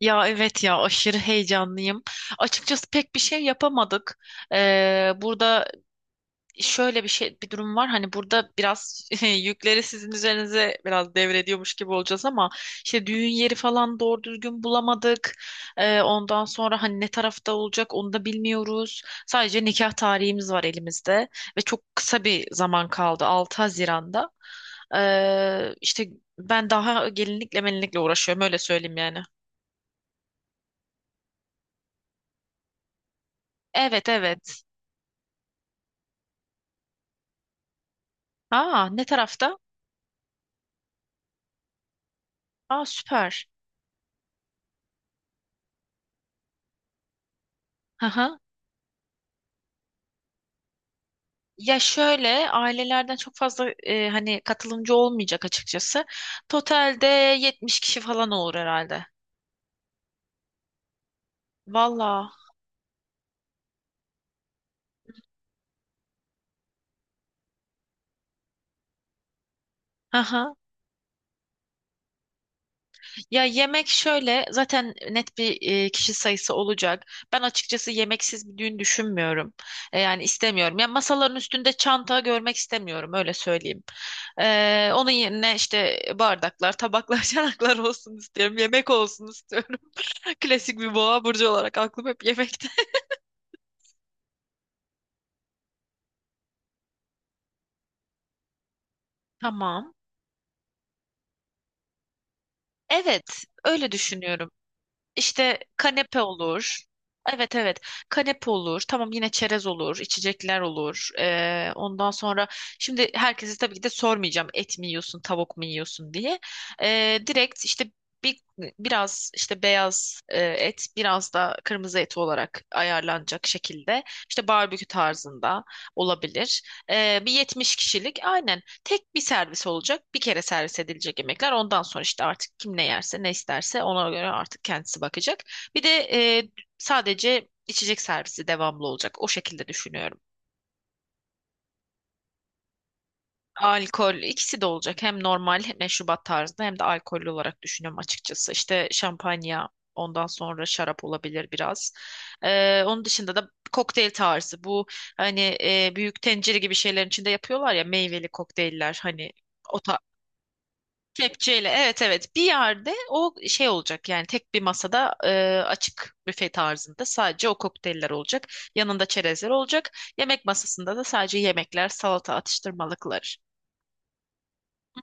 Ya evet, ya aşırı heyecanlıyım. Açıkçası pek bir şey yapamadık. Burada şöyle bir durum var. Hani burada biraz yükleri sizin üzerinize biraz devrediyormuş gibi olacağız ama işte düğün yeri falan doğru düzgün bulamadık. Ondan sonra hani ne tarafta olacak onu da bilmiyoruz. Sadece nikah tarihimiz var elimizde ve çok kısa bir zaman kaldı, 6 Haziran'da. İşte ben daha gelinlikle melinlikle uğraşıyorum, öyle söyleyeyim yani. Evet, evet. Aa, ne tarafta? Aa, süper. Hı hı. Ya şöyle, ailelerden çok fazla hani katılımcı olmayacak açıkçası. Totalde 70 kişi falan olur herhalde. Valla. Hı hı. Ya yemek şöyle, zaten net bir kişi sayısı olacak. Ben açıkçası yemeksiz bir düğün düşünmüyorum. E, yani istemiyorum. Ya masaların üstünde çanta görmek istemiyorum, öyle söyleyeyim. E, onun yerine işte bardaklar, tabaklar, çanaklar olsun istiyorum. Yemek olsun istiyorum. Klasik bir boğa burcu olarak aklım hep yemekte. Tamam. Evet, öyle düşünüyorum. İşte kanepe olur. Evet, evet, kanepe olur, tamam, yine çerez olur, içecekler olur. Ondan sonra şimdi herkese tabii ki de sormayacağım et mi yiyorsun tavuk mu yiyorsun diye. Direkt işte bir, biraz işte beyaz et, biraz da kırmızı et olarak ayarlanacak şekilde, işte barbekü tarzında olabilir. Bir 70 kişilik, aynen. Tek bir servis olacak. Bir kere servis edilecek yemekler. Ondan sonra işte artık kim ne yerse, ne isterse ona göre artık kendisi bakacak. Bir de e, sadece içecek servisi devamlı olacak. O şekilde düşünüyorum. Alkol, ikisi de olacak. Hem normal hem meşrubat tarzında, hem de alkollü olarak düşünüyorum açıkçası. İşte şampanya, ondan sonra şarap olabilir biraz. E, onun dışında da kokteyl tarzı. Bu hani büyük tencere gibi şeylerin içinde yapıyorlar ya, meyveli kokteyller hani, o. Kepçeyle, evet evet, bir yerde o şey olacak yani, tek bir masada açık büfe tarzında sadece o kokteyller olacak. Yanında çerezler olacak. Yemek masasında da sadece yemekler, salata, atıştırmalıklar.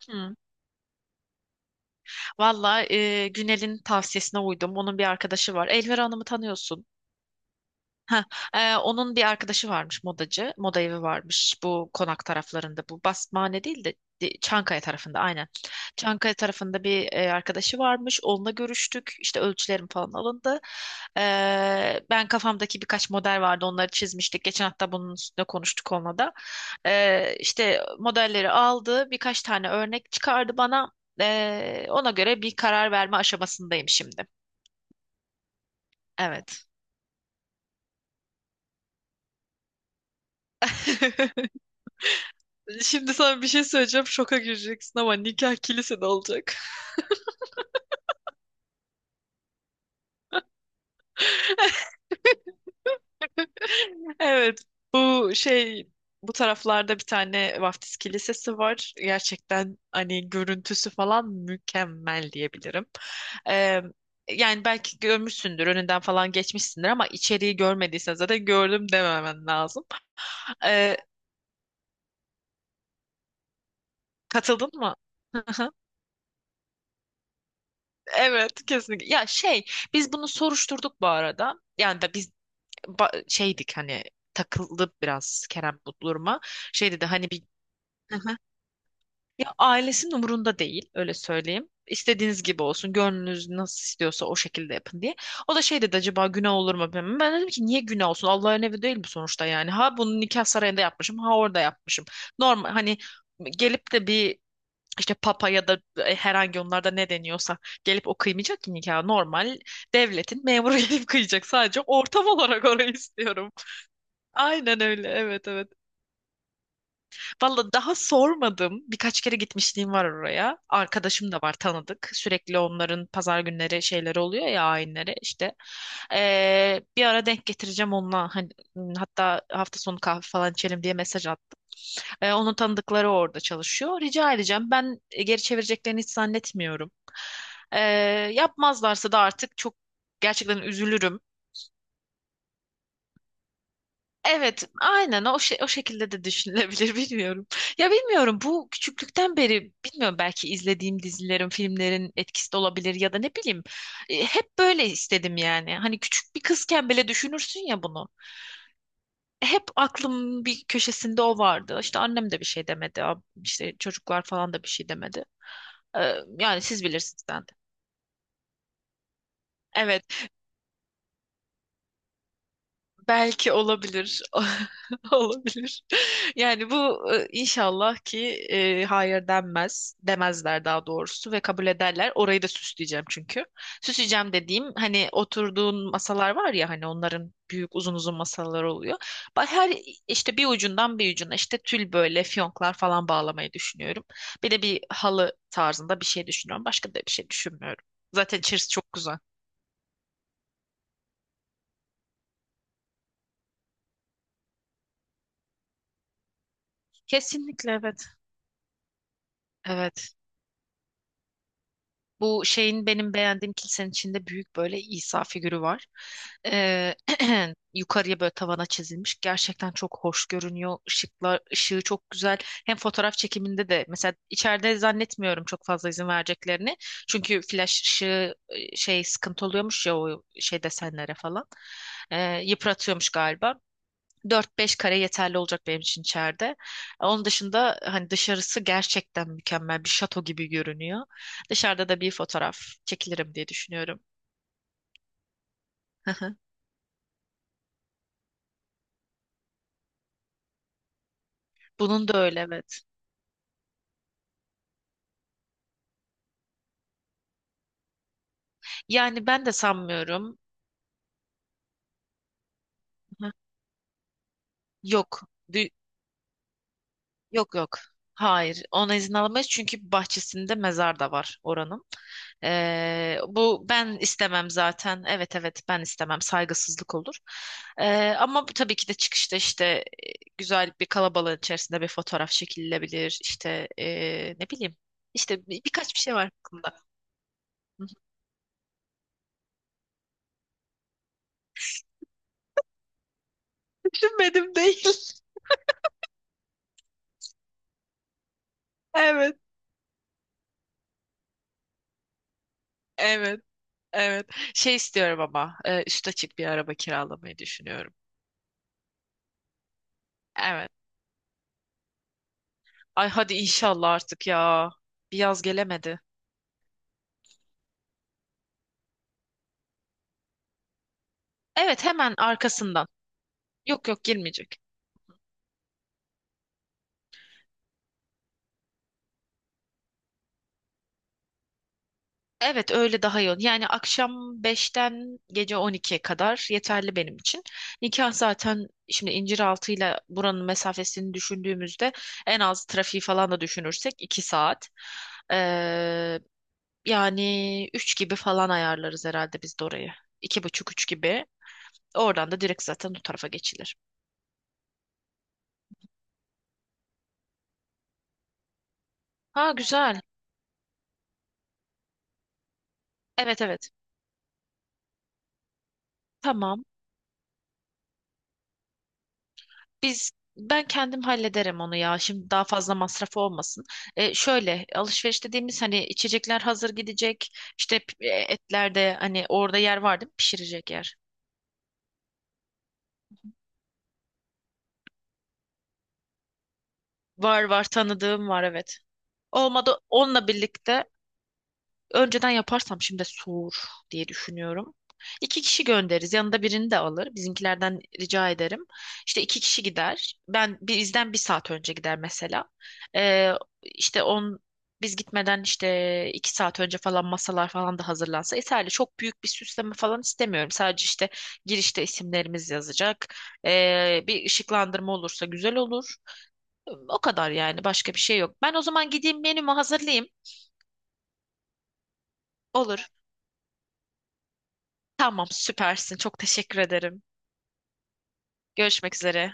Hı. Valla, Günel'in tavsiyesine uydum. Onun bir arkadaşı var. Elvira Hanım'ı tanıyorsun. Heh, onun bir arkadaşı varmış modacı. Moda evi varmış bu konak taraflarında. Bu Basmane değil de Çankaya tarafında, aynen. Çankaya tarafında bir arkadaşı varmış. Onunla görüştük. İşte ölçülerim falan alındı. E, Ben kafamdaki birkaç model vardı. Onları çizmiştik. Geçen hafta bunun üstüne konuştuk onunla da. E, işte modelleri aldı. Birkaç tane örnek çıkardı bana. Ona göre bir karar verme aşamasındayım şimdi. Evet. Şimdi sana bir şey söyleyeceğim. Şoka gireceksin ama nikah kilisede olacak. Evet, bu bu taraflarda bir tane vaftiz kilisesi var. Gerçekten hani görüntüsü falan mükemmel diyebilirim. Ee, Yani belki görmüşsündür, önünden falan geçmişsindir ama içeriği görmediysen zaten gördüm dememen lazım. Ee, Katıldın mı? Evet, kesinlikle. Ya şey, biz bunu soruşturduk bu arada. Yani da biz şeydik hani, takıldı biraz Kerem bu duruma. Şey dedi hani bir. Aha. Ya ailesinin umurunda değil, öyle söyleyeyim. İstediğiniz gibi olsun, gönlünüz nasıl istiyorsa o şekilde yapın diye. O da şey dedi, acaba günah olur mu, bilmem. Ben dedim ki niye günah olsun? Allah'ın evi değil bu sonuçta yani. Ha bunu nikah sarayında yapmışım, ha orada yapmışım. Normal hani gelip de bir işte papa ya da herhangi onlarda ne deniyorsa gelip o kıymayacak ki nikah. Normal devletin memuru gelip kıyacak, sadece ortam olarak orayı istiyorum. Aynen öyle. Evet, evet. Valla daha sormadım. Birkaç kere gitmişliğim var oraya. Arkadaşım da var, tanıdık. Sürekli onların pazar günleri şeyleri oluyor ya, ayinleri işte. Bir ara denk getireceğim onunla. Hani, hatta hafta sonu kahve falan içelim diye mesaj attım. Onun tanıdıkları orada çalışıyor. Rica edeceğim. Ben geri çevireceklerini hiç zannetmiyorum. Ee, Yapmazlarsa da artık çok gerçekten üzülürüm. Evet, aynen, o şey, o şekilde de düşünülebilir, bilmiyorum. Ya bilmiyorum, bu küçüklükten beri bilmiyorum, belki izlediğim dizilerin, filmlerin etkisi de olabilir ya da ne bileyim. E, hep böyle istedim yani. Hani küçük bir kızken bile düşünürsün ya bunu. Hep aklımın bir köşesinde o vardı. İşte annem de bir şey demedi, işte çocuklar falan da bir şey demedi. Yani siz bilirsiniz, ben de. Evet. Belki olabilir. Olabilir. Yani bu inşallah ki hayır denmez. Demezler daha doğrusu ve kabul ederler. Orayı da süsleyeceğim çünkü. Süsleyeceğim dediğim hani oturduğun masalar var ya, hani onların büyük uzun uzun masalar oluyor. Her işte bir ucundan bir ucuna işte tül böyle fiyonklar falan bağlamayı düşünüyorum. Bir de bir halı tarzında bir şey düşünüyorum. Başka da bir şey düşünmüyorum. Zaten içerisi çok güzel. Kesinlikle, evet. Evet. Bu şeyin, benim beğendiğim kilisenin içinde büyük böyle İsa figürü var. Ee, yukarıya böyle tavana çizilmiş. Gerçekten çok hoş görünüyor. Işıklar, ışığı çok güzel. Hem fotoğraf çekiminde de mesela içeride zannetmiyorum çok fazla izin vereceklerini. Çünkü flash ışığı şey sıkıntı oluyormuş ya, o şey desenlere falan. Yıpratıyormuş galiba. Dört beş kare yeterli olacak benim için içeride. Onun dışında hani dışarısı gerçekten mükemmel bir şato gibi görünüyor. Dışarıda da bir fotoğraf çekilirim diye düşünüyorum. Bunun da öyle, evet. Yani ben de sanmıyorum. Hı. Yok. Yok, yok. Hayır. Ona izin alamayız çünkü bahçesinde mezar da var oranın. Bu, ben istemem zaten. Evet, evet, ben istemem. Saygısızlık olur. Ama bu tabii ki de çıkışta işte e, güzel bir kalabalığın içerisinde bir fotoğraf çekilebilir. İşte ne bileyim. İşte birkaç bir şey var aklımda. Düşünmedim değil. Evet. Evet. Evet. Şey istiyorum ama üst açık bir araba kiralamayı düşünüyorum. Evet. Ay hadi inşallah artık ya. Bir yaz gelemedi. Evet, hemen arkasından. Yok, yok, girmeyecek. Evet, öyle daha yoğun. Yani akşam beşten gece on ikiye kadar yeterli benim için. Nikah zaten, şimdi İnciraltı ile buranın mesafesini düşündüğümüzde en az trafiği falan da düşünürsek 2 saat. Ee, Yani 3 gibi falan ayarlarız herhalde biz de orayı. İki buçuk üç gibi. Oradan da direkt zaten o tarafa geçilir. Ha, güzel. Evet, evet. Tamam. Biz Ben kendim hallederim onu ya. Şimdi daha fazla masraf olmasın. E, şöyle alışveriş dediğimiz hani, içecekler hazır gidecek. İşte etler de hani, orada yer var değil mi? Pişirecek yer. Var, var, tanıdığım var, evet. Olmadı onunla birlikte. Önceden yaparsam şimdi soğur diye düşünüyorum. İki kişi göndeririz. Yanında birini de alır. Bizimkilerden rica ederim. İşte iki kişi gider. Ben bizden bir saat önce gider mesela. Ee, işte on Biz gitmeden işte iki saat önce falan masalar falan da hazırlansa yeterli. Çok büyük bir süsleme falan istemiyorum. Sadece işte girişte isimlerimiz yazacak. Bir ışıklandırma olursa güzel olur. O kadar yani. Başka bir şey yok. Ben o zaman gideyim menümü hazırlayayım. Olur. Tamam, süpersin. Çok teşekkür ederim. Görüşmek üzere.